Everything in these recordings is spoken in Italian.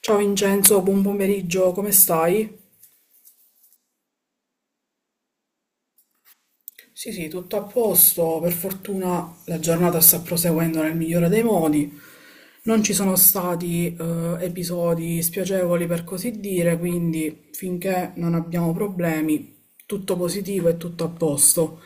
Ciao Vincenzo, buon pomeriggio, come stai? Sì, sì, tutto a posto. Per fortuna la giornata sta proseguendo nel migliore dei modi. Non ci sono stati episodi spiacevoli per così dire, quindi finché non abbiamo problemi, tutto positivo e tutto a posto.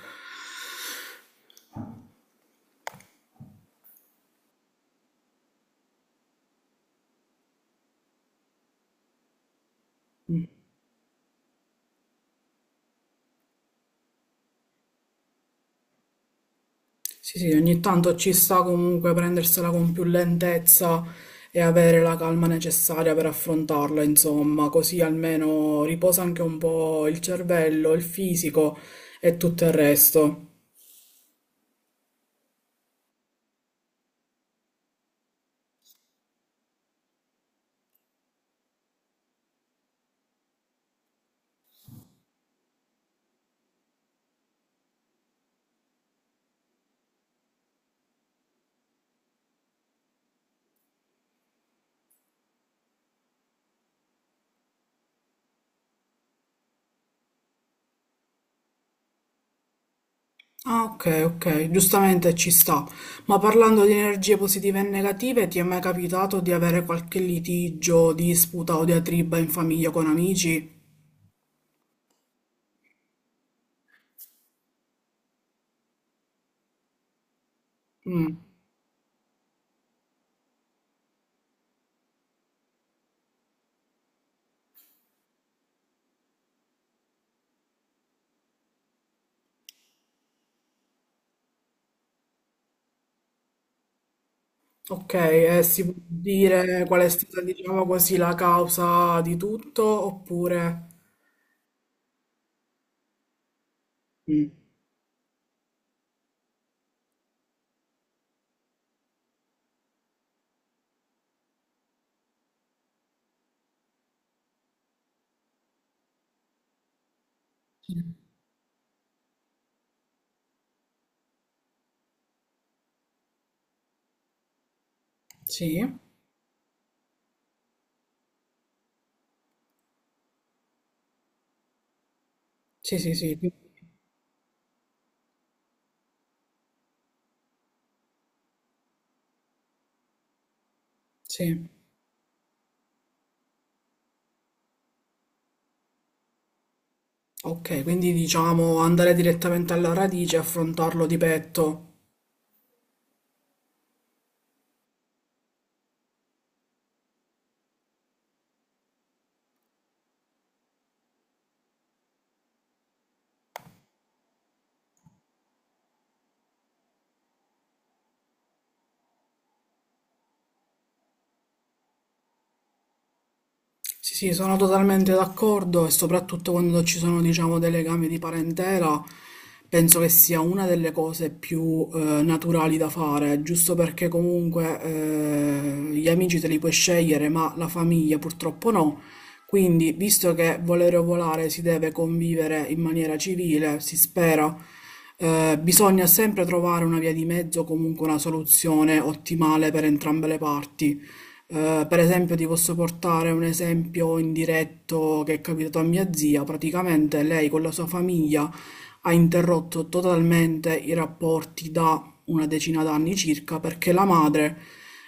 Sì, sì, ogni tanto ci sta comunque prendersela con più lentezza e avere la calma necessaria per affrontarla, insomma, così almeno riposa anche un po' il cervello, il fisico e tutto il resto. Ah, ok, ok, giustamente ci sta. Ma parlando di energie positive e negative, ti è mai capitato di avere qualche litigio, disputa o diatriba in famiglia con amici? Mm. Ok, e si può dire qual è stata, diciamo così, la causa di tutto, oppure... Mm. Sì, sì, sì, sì, sì. Ok, quindi diciamo andare direttamente alla radice e affrontarlo di petto. Sì, sì, sono totalmente d'accordo e soprattutto quando ci sono, diciamo, dei legami di parentela, penso che sia una delle cose più naturali da fare, giusto perché comunque gli amici te li puoi scegliere, ma la famiglia purtroppo no. Quindi, visto che volere o volare si deve convivere in maniera civile, si spera, bisogna sempre trovare una via di mezzo, comunque una soluzione ottimale per entrambe le parti. Per esempio, ti posso portare un esempio indiretto che è capitato a mia zia. Praticamente lei con la sua famiglia ha interrotto totalmente i rapporti da una decina d'anni circa perché la madre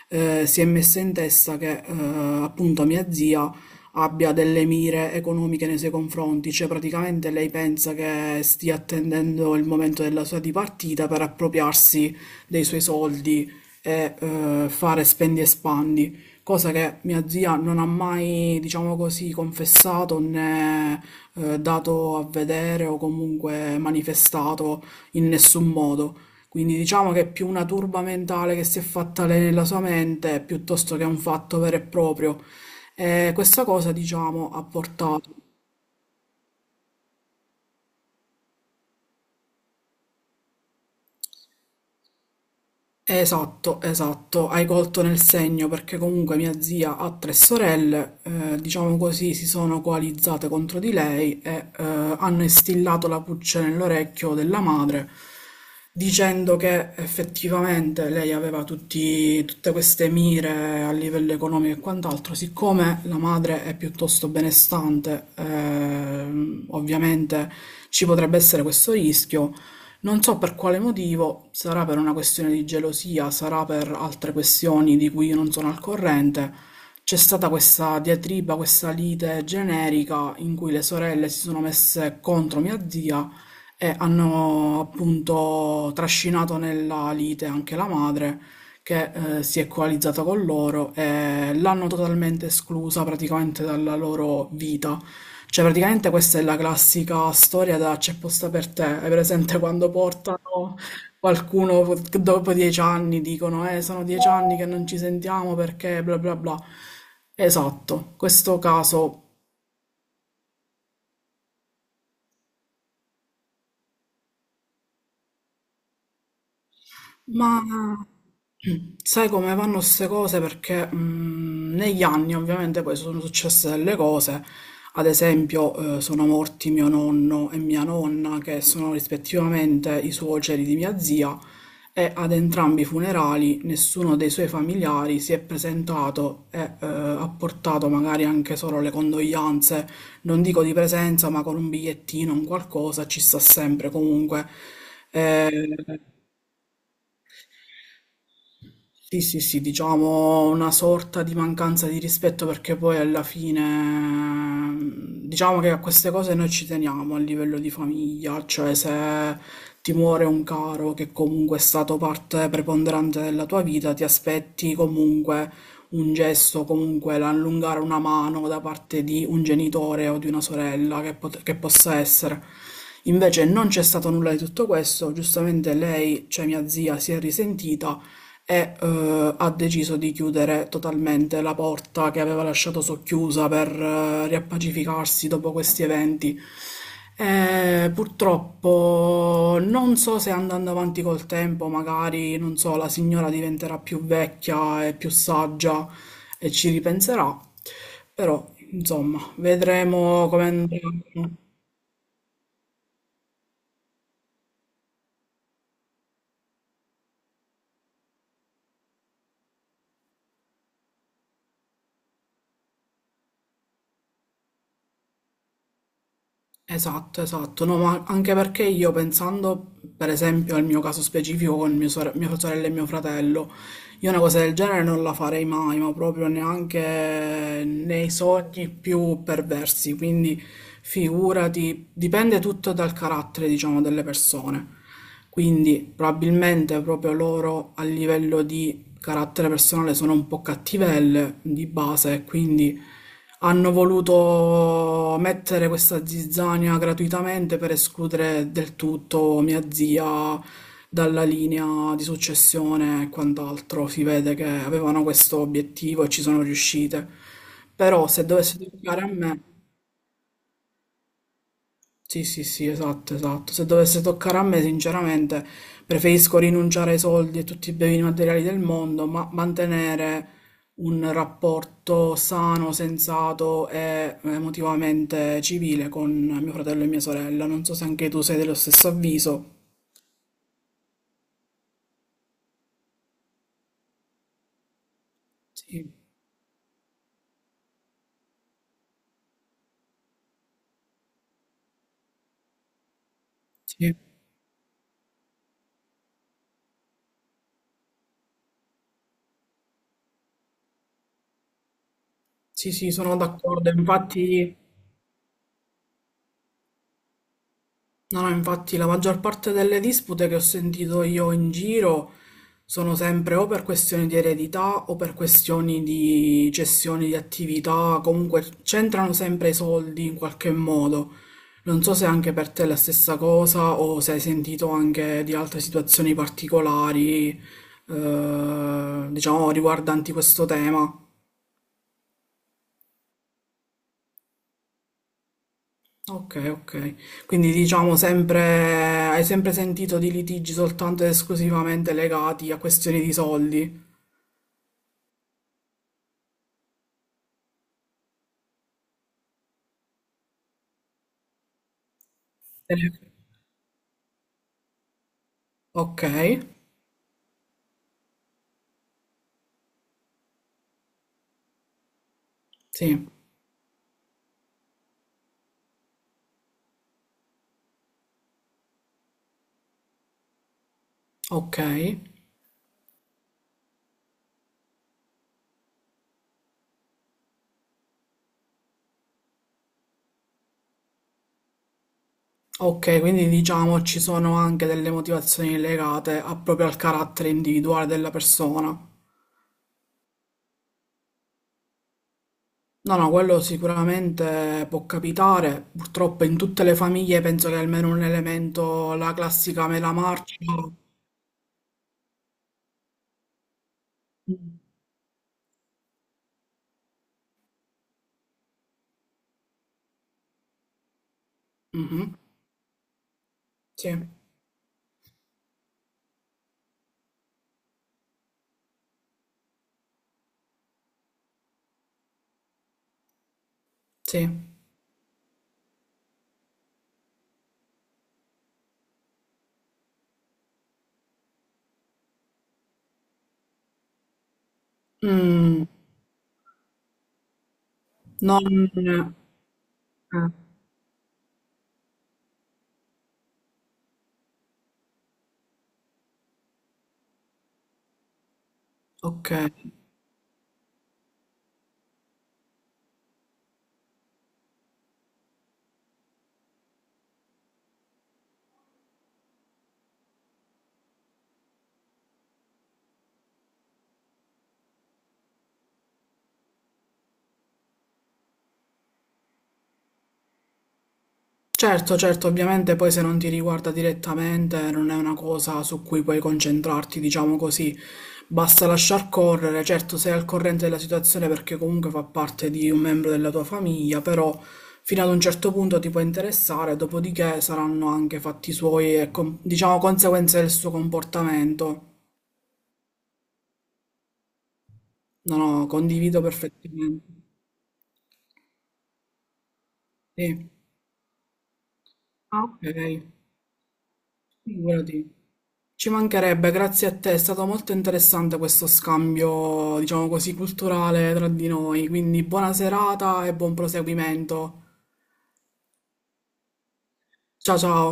si è messa in testa che appunto mia zia abbia delle mire economiche nei suoi confronti, cioè praticamente lei pensa che stia attendendo il momento della sua dipartita per appropriarsi dei suoi soldi e fare spendi e spandi, cosa che mia zia non ha mai, diciamo così, confessato né dato a vedere o comunque manifestato in nessun modo. Quindi diciamo che è più una turba mentale che si è fatta lei nella sua mente piuttosto che un fatto vero e proprio. E questa cosa, diciamo, ha portato. Esatto, esatto, hai colto nel segno perché comunque mia zia ha tre sorelle, diciamo così, si sono coalizzate contro di lei e hanno instillato la puccia nell'orecchio della madre dicendo che effettivamente lei aveva tutte queste mire a livello economico e quant'altro, siccome la madre è piuttosto benestante, ovviamente ci potrebbe essere questo rischio. Non so per quale motivo, sarà per una questione di gelosia, sarà per altre questioni di cui io non sono al corrente, c'è stata questa diatriba, questa lite generica in cui le sorelle si sono messe contro mia zia e hanno appunto trascinato nella lite anche la madre che si è coalizzata con loro e l'hanno totalmente esclusa praticamente dalla loro vita. Cioè, praticamente questa è la classica storia da c'è posta per te. Hai presente quando portano che dopo dieci anni dicono, sono 10 anni che non ci sentiamo perché bla bla bla. Esatto, questo caso. Ma sai come vanno queste cose? Perché negli anni ovviamente poi sono successe delle cose, ad esempio sono morti mio nonno e mia nonna, che sono rispettivamente i suoceri di mia zia, e ad entrambi i funerali nessuno dei suoi familiari si è presentato e ha portato magari anche solo le condoglianze, non dico di presenza, ma con un bigliettino, un qualcosa, ci sta sempre comunque. Eh, sì, sì, sì, diciamo una sorta di mancanza di rispetto perché poi alla fine diciamo che a queste cose noi ci teniamo a livello di famiglia, cioè se ti muore un caro che comunque è stato parte preponderante della tua vita, ti aspetti comunque un gesto, comunque l'allungare una mano da parte di un genitore o di una sorella che, che possa essere. Invece non c'è stato nulla di tutto questo, giustamente lei, cioè mia zia, si è risentita e ha deciso di chiudere totalmente la porta che aveva lasciato socchiusa per riappacificarsi dopo questi eventi. Purtroppo non so se andando avanti col tempo, magari, non so, la signora diventerà più vecchia e più saggia e ci ripenserà, però insomma, vedremo come andrà. Esatto, esatto, no, ma anche perché io pensando per esempio al mio caso specifico con mia sorella e mio fratello, io una cosa del genere non la farei mai, ma proprio neanche nei sogni più perversi, quindi figurati, dipende tutto dal carattere, diciamo, delle persone. Quindi probabilmente proprio loro a livello di carattere personale sono un po' cattivelle di base e quindi hanno voluto mettere questa zizzania gratuitamente per escludere del tutto mia zia dalla linea di successione e quant'altro. Si vede che avevano questo obiettivo e ci sono riuscite. Però se dovesse toccare a me, sì, sì, sì, esatto, esatto. Se dovesse toccare a me, sinceramente, preferisco rinunciare ai soldi e tutti i beni materiali del mondo, ma mantenere un rapporto sano, sensato e emotivamente civile con mio fratello e mia sorella. Non so se anche tu sei dello stesso avviso. Sì, sì, sì, sì, sono d'accordo. Infatti. No, no, infatti la maggior parte delle dispute che ho sentito io in giro sono sempre o per questioni di eredità o per questioni di cessioni di attività, comunque c'entrano sempre i soldi in qualche modo. Non so se anche per te è la stessa cosa o se hai sentito anche di altre situazioni particolari, diciamo, riguardanti questo tema. Ok, ok. Quindi diciamo sempre, hai sempre sentito di litigi soltanto ed esclusivamente legati a questioni di soldi. Ok, sì, ok. Ok, quindi diciamo ci sono anche delle motivazioni legate proprio al carattere individuale della persona. No, no, quello sicuramente può capitare. Purtroppo in tutte le famiglie penso che almeno un elemento, la classica mela marcia. Mhm. Sì, sì. Mm. Non... eh, ok. Certo, certo, ovviamente poi se non ti riguarda direttamente non è una cosa su cui puoi concentrarti, diciamo così. Basta lasciar correre, certo sei al corrente della situazione perché comunque fa parte di un membro della tua famiglia, però fino ad un certo punto ti può interessare, dopodiché saranno anche fatti suoi e diciamo conseguenze del suo comportamento. No, no, condivido perfettamente. Sì. Ah, ok, figurati. Ci mancherebbe, grazie a te, è stato molto interessante questo scambio, diciamo così, culturale tra di noi, quindi buona serata e buon proseguimento. Ciao ciao.